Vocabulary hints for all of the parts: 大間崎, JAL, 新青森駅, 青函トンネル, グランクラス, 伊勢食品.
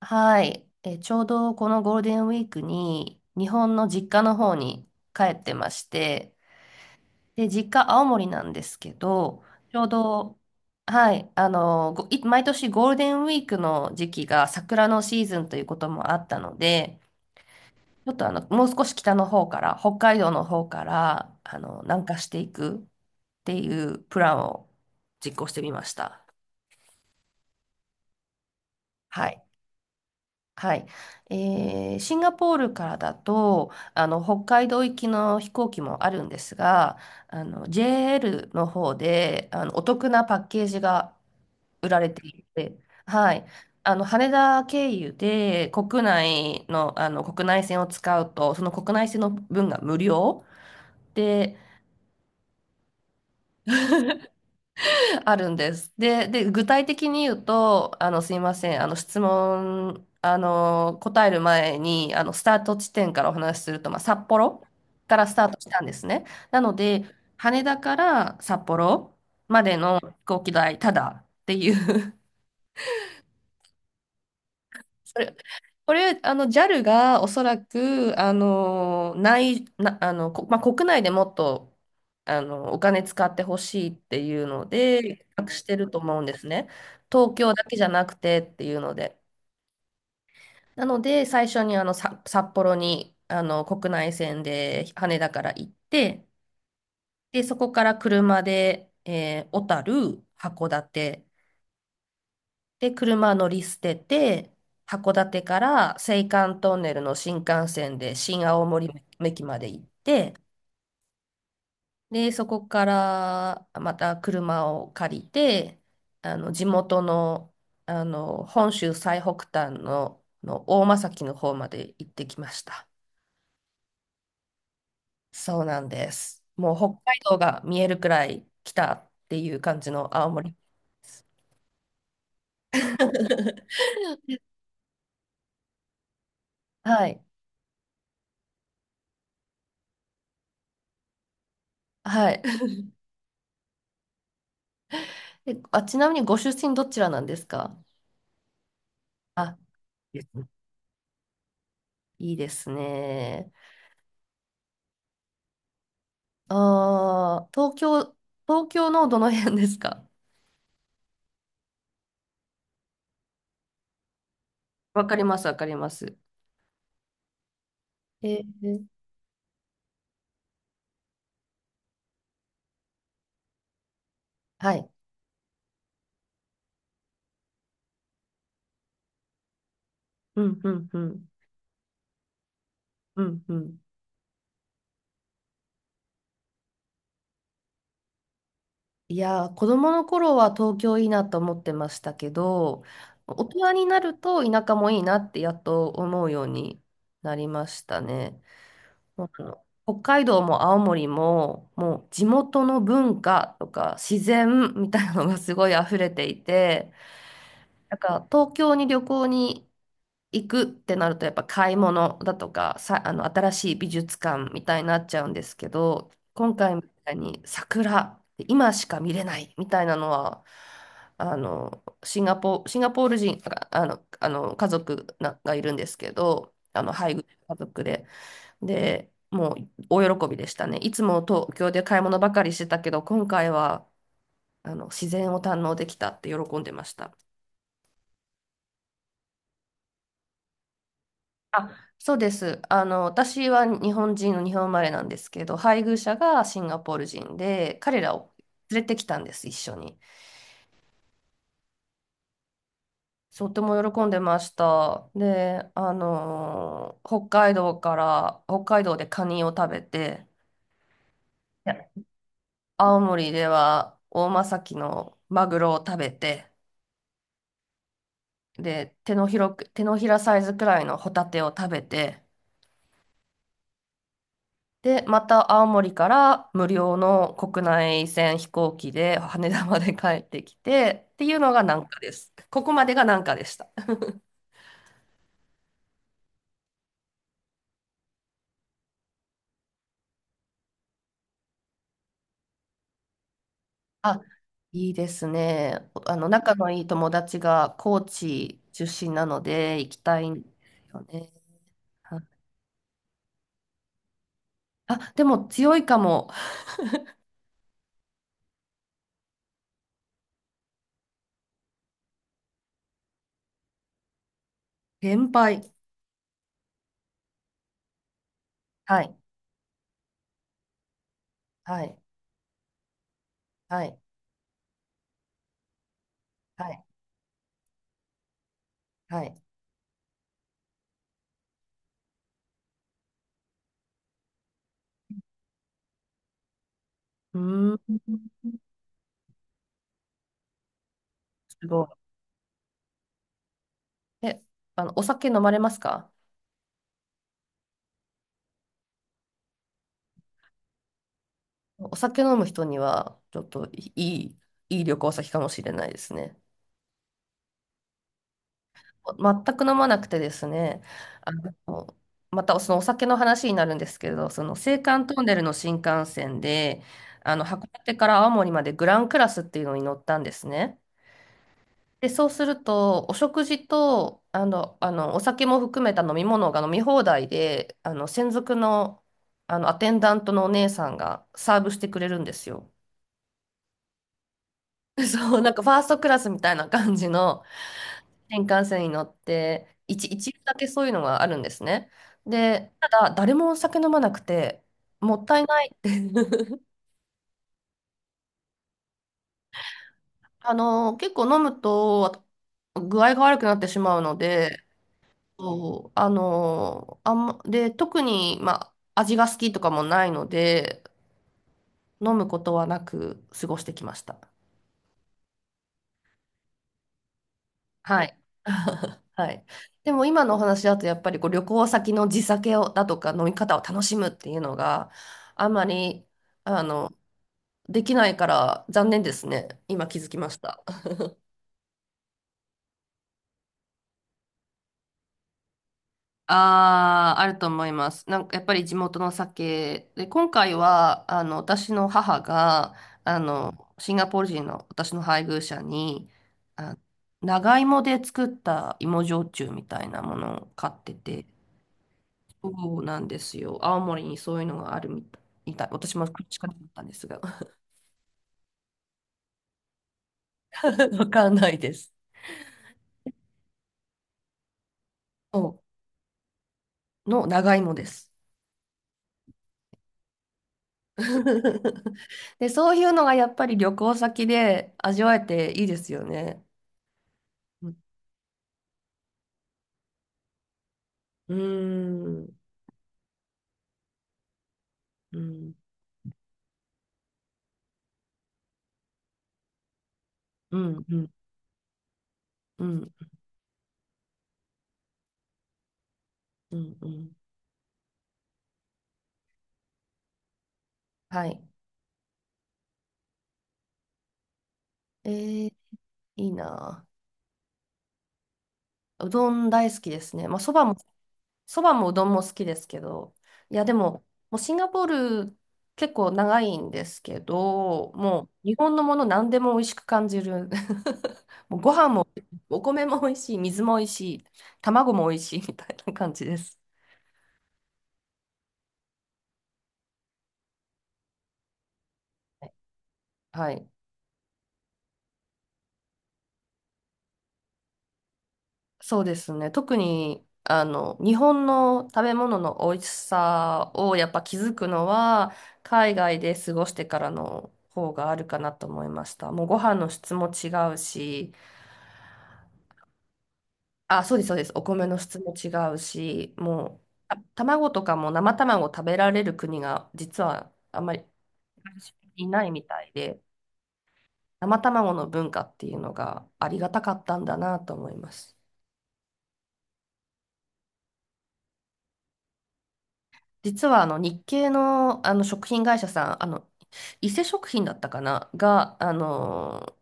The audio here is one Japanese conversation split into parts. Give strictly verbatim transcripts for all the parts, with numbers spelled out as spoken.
はい、え、ちょうどこのゴールデンウィークに日本の実家の方に帰ってまして、で、実家青森なんですけど、ちょうど、はい、あの、ごい毎年ゴールデンウィークの時期が桜のシーズンということもあったので、ちょっとあの、もう少し北の方から、北海道の方から、あの、南下していくっていうプランを実行してみました。はい。はい。えーシンガポールからだと、あの、北海道行きの飛行機もあるんですが、あの、ジェーエル の方で、あの、お得なパッケージが売られていて、はい。あの、羽田経由で国内の、あの、国内線を使うと、その国内線の分が無料。で、あるんです。で、で、具体的に言うと、あの、すいません、あの、質問、あの、答える前に、あの、スタート地点からお話しすると、まあ、札幌からスタートしたんですね。なので、羽田から札幌までの飛行機代、ただっていうそれ、これ、あの、ジャル がおそらく、あの、内、な、あの、こ、まあ、国内でもっと、あの、お金使ってほしいっていうので、企画してると思うんですね。東京だけじゃなくてっていうので。なので、最初にあの、さ、札幌に、あの、国内線で羽田から行って、で、そこから車で、えー小樽、函館、で、車乗り捨てて、函館から青函トンネルの新幹線で新青森駅まで行って、で、そこからまた車を借りて、あの、地元の、あの、本州最北端の、の大間崎の方まで行ってきました。そうなんです。もう北海道が見えるくらい来たっていう感じの青森です。はい。はい。え、あ、ちなみにご出身どちらなんですか？あ、いいですね。ああ、東京、東京のどの辺ですか？わかります、わかります。えー、はい。うん、うん、うん、うん、うん。いやー、子供の頃は東京いいなと思ってましたけど、大人になると田舎もいいなってやっと思うようになりましたね。もう北海道も青森も、もう地元の文化とか自然みたいなのがすごい溢れていて、なんか東京に旅行に行くってなるとやっぱ買い物だとかさ、あの新しい美術館みたいになっちゃうんですけど、今回みたいに桜、今しか見れないみたいなのは、あのシンガポー、シンガポール人、ああの、あの家族ながいるんですけど、あの配偶家族で。で、もう大喜びでしたね。いつも東京で買い物ばかりしてたけど、今回はあの自然を堪能できたって喜んでました。あ、そうです。あの、私は日本人の日本生まれなんですけど、配偶者がシンガポール人で、彼らを連れてきたんです、一緒に。とても喜んでました。で、あのー北海道から、北海道でカニを食べて、いや青森では大間きのマグロを食べて、で、手の広く、手のひらサイズくらいのホタテを食べて、で、また青森から無料の国内線飛行機で羽田まで帰ってきてっていうのが南下です。ここまでが南下でした。あ、いいですね。あの、仲のいい友達が高知出身なので行きたいんですよね。はい。あ、でも強いかも。先輩。はい。はい。はい。はい。はい。うーん。すごい。え、あの、お酒飲まれますか？お酒飲む人には、ちょっといい、いい旅行先かもしれないですね。ま全く飲まなくてですね、あの、またそのお酒の話になるんですけど、その青函トンネルの新幹線で、あの、函館から青森までグランクラスっていうのに乗ったんですね。で、そうすると、お食事と、あの、あの、お酒も含めた飲み物が飲み放題で、あの、専属の、あの、アテンダントのお姉さんがサーブしてくれるんですよ。そう、なんかファーストクラスみたいな感じの新幹線に乗って、一、一部だけそういうのがあるんですね。で、ただ誰もお酒飲まなくて、もったいないって。 あの、結構飲むと具合が悪くなってしまうので、そう、あの、あんま、で、特に、まあ、味が好きとかもないので、飲むことはなく過ごしてきました。はい。はい。でも今のお話だとやっぱりこう旅行先の地酒をだとか飲み方を楽しむっていうのがあんまりあのできないから残念ですね。今気づきました。ああ、あると思います。なんかやっぱり地元の酒で、今回はあの私の母があのシンガポール人の私の配偶者にあ長芋で作った芋焼酎みたいなものを買ってて。そうなんですよ。青森にそういうのがあるみたい。みたい私もこっちからだったんですが。わかんないです。そうの長芋です。で、そういうのがやっぱり旅行先で味わえていいですよね。うん、うーん、うん、うん、うん、うん、うん。うん。はい。えー、いいなあ。うどん大好きですね。まあ、そばもそばもうどんも好きですけど、いや、でも、もうシンガポール結構長いんですけど、もう日本のもの何でも美味しく感じる。もうご飯も、お米も美味しい、水も美味しい、卵も美味しいみたいな感じです。はい。そうですね。特に、あの、日本の食べ物の美味しさをやっぱ気づくのは、海外で過ごしてからの方があるかなと思いました。もうご飯の質も違うし、あ、そうです、そうです。お米の質も違うし、もう、あ卵とかも生卵食べられる国が実はあんまりいないみたいで、生卵の文化っていうのがありがたかったんだなと思います。実はあの日系の、あの食品会社さん、あの伊勢食品だったかな、が、あの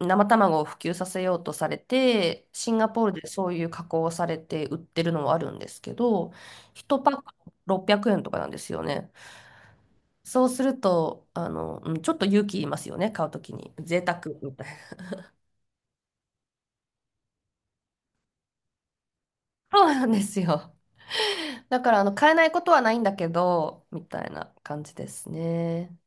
生卵を普及させようとされて、シンガポールでそういう加工をされて売ってるのもあるんですけど、いちパックろっぴゃくえんとかなんですよね。そうすると、あの、うんちょっと勇気いりますよね、買うときに。贅沢みたいな。そうなんですよ。だから、あの、買えないことはないんだけど、みたいな感じですね。